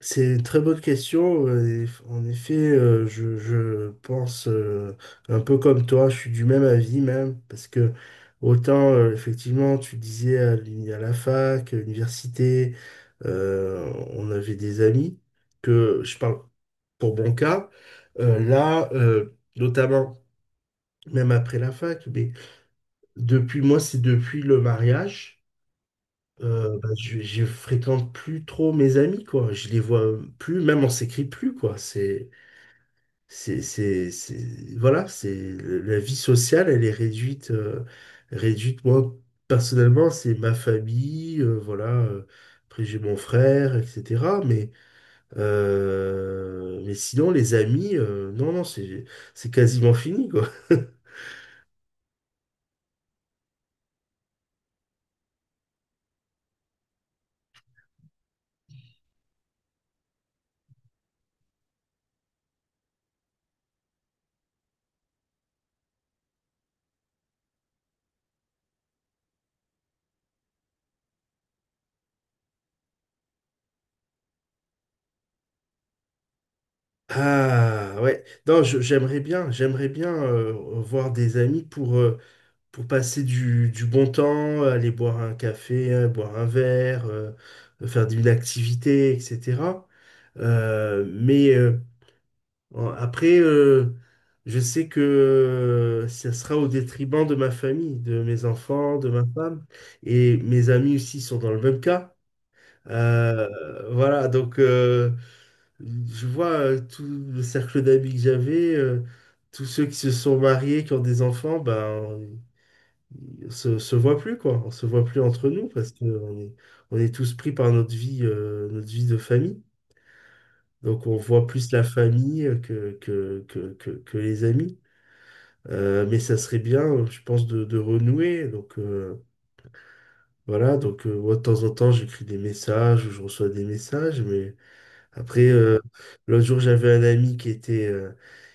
C'est une très bonne question. En effet, je pense un peu comme toi. Je suis du même avis même, parce que autant, effectivement, tu disais à la fac, à l'université, on avait des amis, que je parle pour mon cas, là, notamment, même après la fac. Mais depuis, moi, c'est depuis le mariage. Je fréquente plus trop mes amis, quoi. Je les vois plus, même on s'écrit plus, quoi. Voilà, c'est, la vie sociale, elle est réduite, réduite. Moi, personnellement, c'est ma famille, voilà. Après, j'ai mon frère, etc. Mais sinon, les amis, non, non, c'est quasiment fini, quoi. Ah ouais, non, j'aimerais bien voir des amis pour passer du bon temps, aller boire un café, boire un verre, faire une activité, etc. Euh, mais euh, en- après, euh, je sais que ça sera au détriment de ma famille, de mes enfants, de ma femme, et mes amis aussi sont dans le même cas. Euh, voilà, donc euh, je vois tout le cercle d'amis que j'avais, tous ceux qui se sont mariés, qui ont des enfants, ben se voit plus, quoi. On se voit plus entre nous parce que on est tous pris par notre vie de famille. Donc on voit plus la famille que les amis. Mais ça serait bien, je pense, de renouer. Moi, de temps en temps, j'écris des messages ou je reçois des messages. Mais après, l'autre jour, j'avais un ami qui était... euh,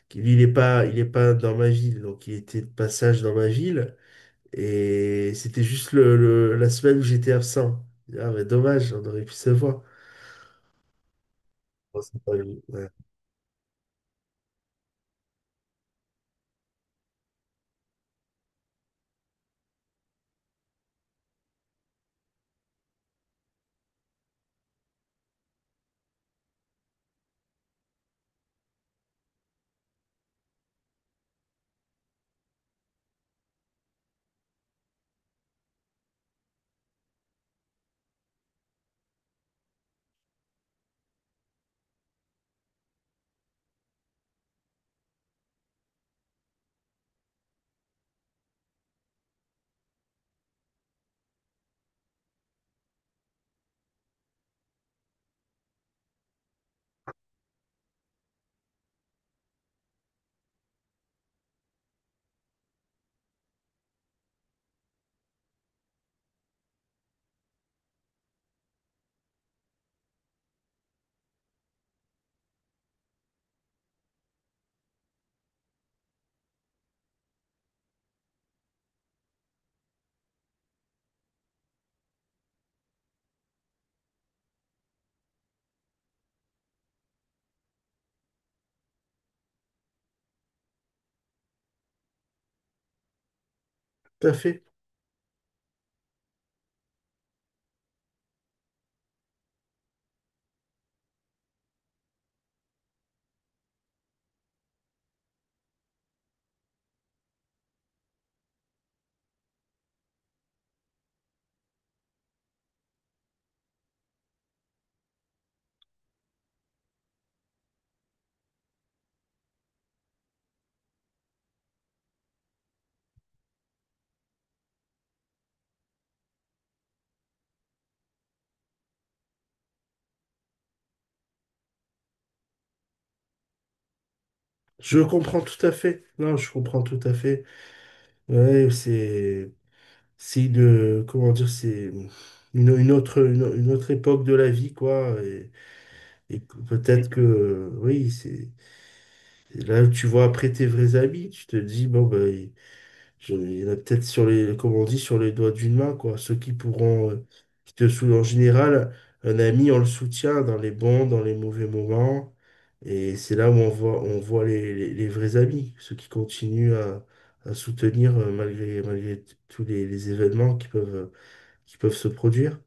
qui- Lui, il est pas dans ma ville, donc il était de passage dans ma ville. Et c'était juste la semaine où j'étais absent. Ah, mais dommage, on aurait pu se voir. Bon, c'est pas grave. Ouais. Tout à fait. Je comprends tout à fait. Non, je comprends tout à fait. Ouais, c'est une, comment dire, c'est une autre, une autre époque de la vie, quoi. Et peut-être que, oui, c'est là tu vois. Après, tes vrais amis, tu te dis, bon, ben, il y en a peut-être sur les, comme on dit, sur les doigts d'une main, quoi. Ceux qui pourront, qui te soutiennent en général. Un ami, on le soutient dans les bons, dans les mauvais moments. Et c'est là où on voit les vrais amis, ceux qui continuent à soutenir malgré, malgré tous les événements qui peuvent se produire.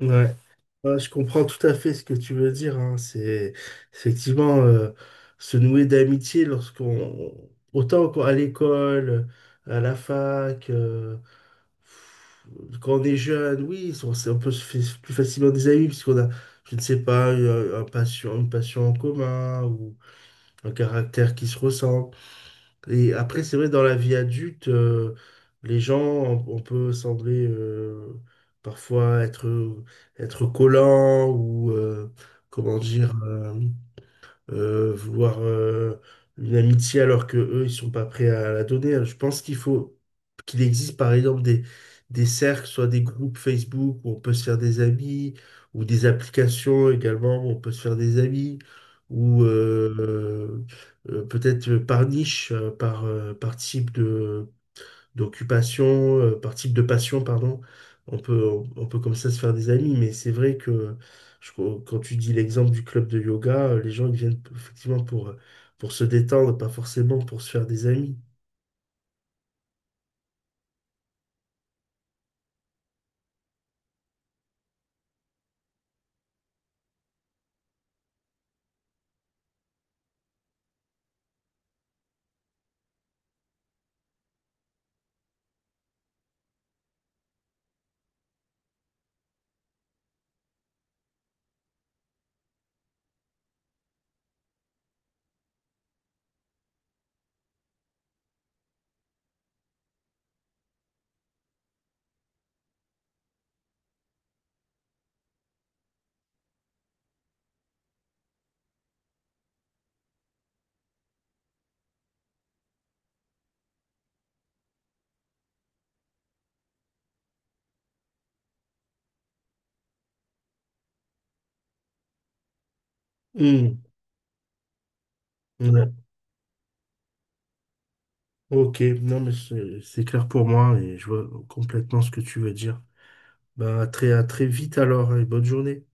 Ouais. Ouais, je comprends tout à fait ce que tu veux dire, hein. C'est effectivement se nouer d'amitié lorsqu'on, autant qu'on- à l'école, à la fac, quand on est jeune. Oui, on peut se faire plus facilement des amis puisqu'on a, je ne sais pas, un passion, une passion en commun, ou un caractère qui se ressemble. Et après, c'est vrai, dans la vie adulte, les gens, on peut sembler parfois être, être collant, ou, comment dire, euh, vouloir une amitié alors que eux, ils sont pas prêts à la donner. Je pense qu'il faut qu'il existe par exemple des cercles, soit des groupes Facebook où on peut se faire des amis, ou des applications également où on peut se faire des amis, ou peut-être par niche, par type de d'occupation, par type de passion, pardon. On peut comme ça se faire des amis, mais c'est vrai que je- quand tu dis l'exemple du club de yoga, les gens ils viennent effectivement pour se détendre, pas forcément pour se faire des amis. Hmm, ouais. Ok, non mais c'est clair pour moi et je vois complètement ce que tu veux dire. Bah, à très vite alors, hein, et bonne journée.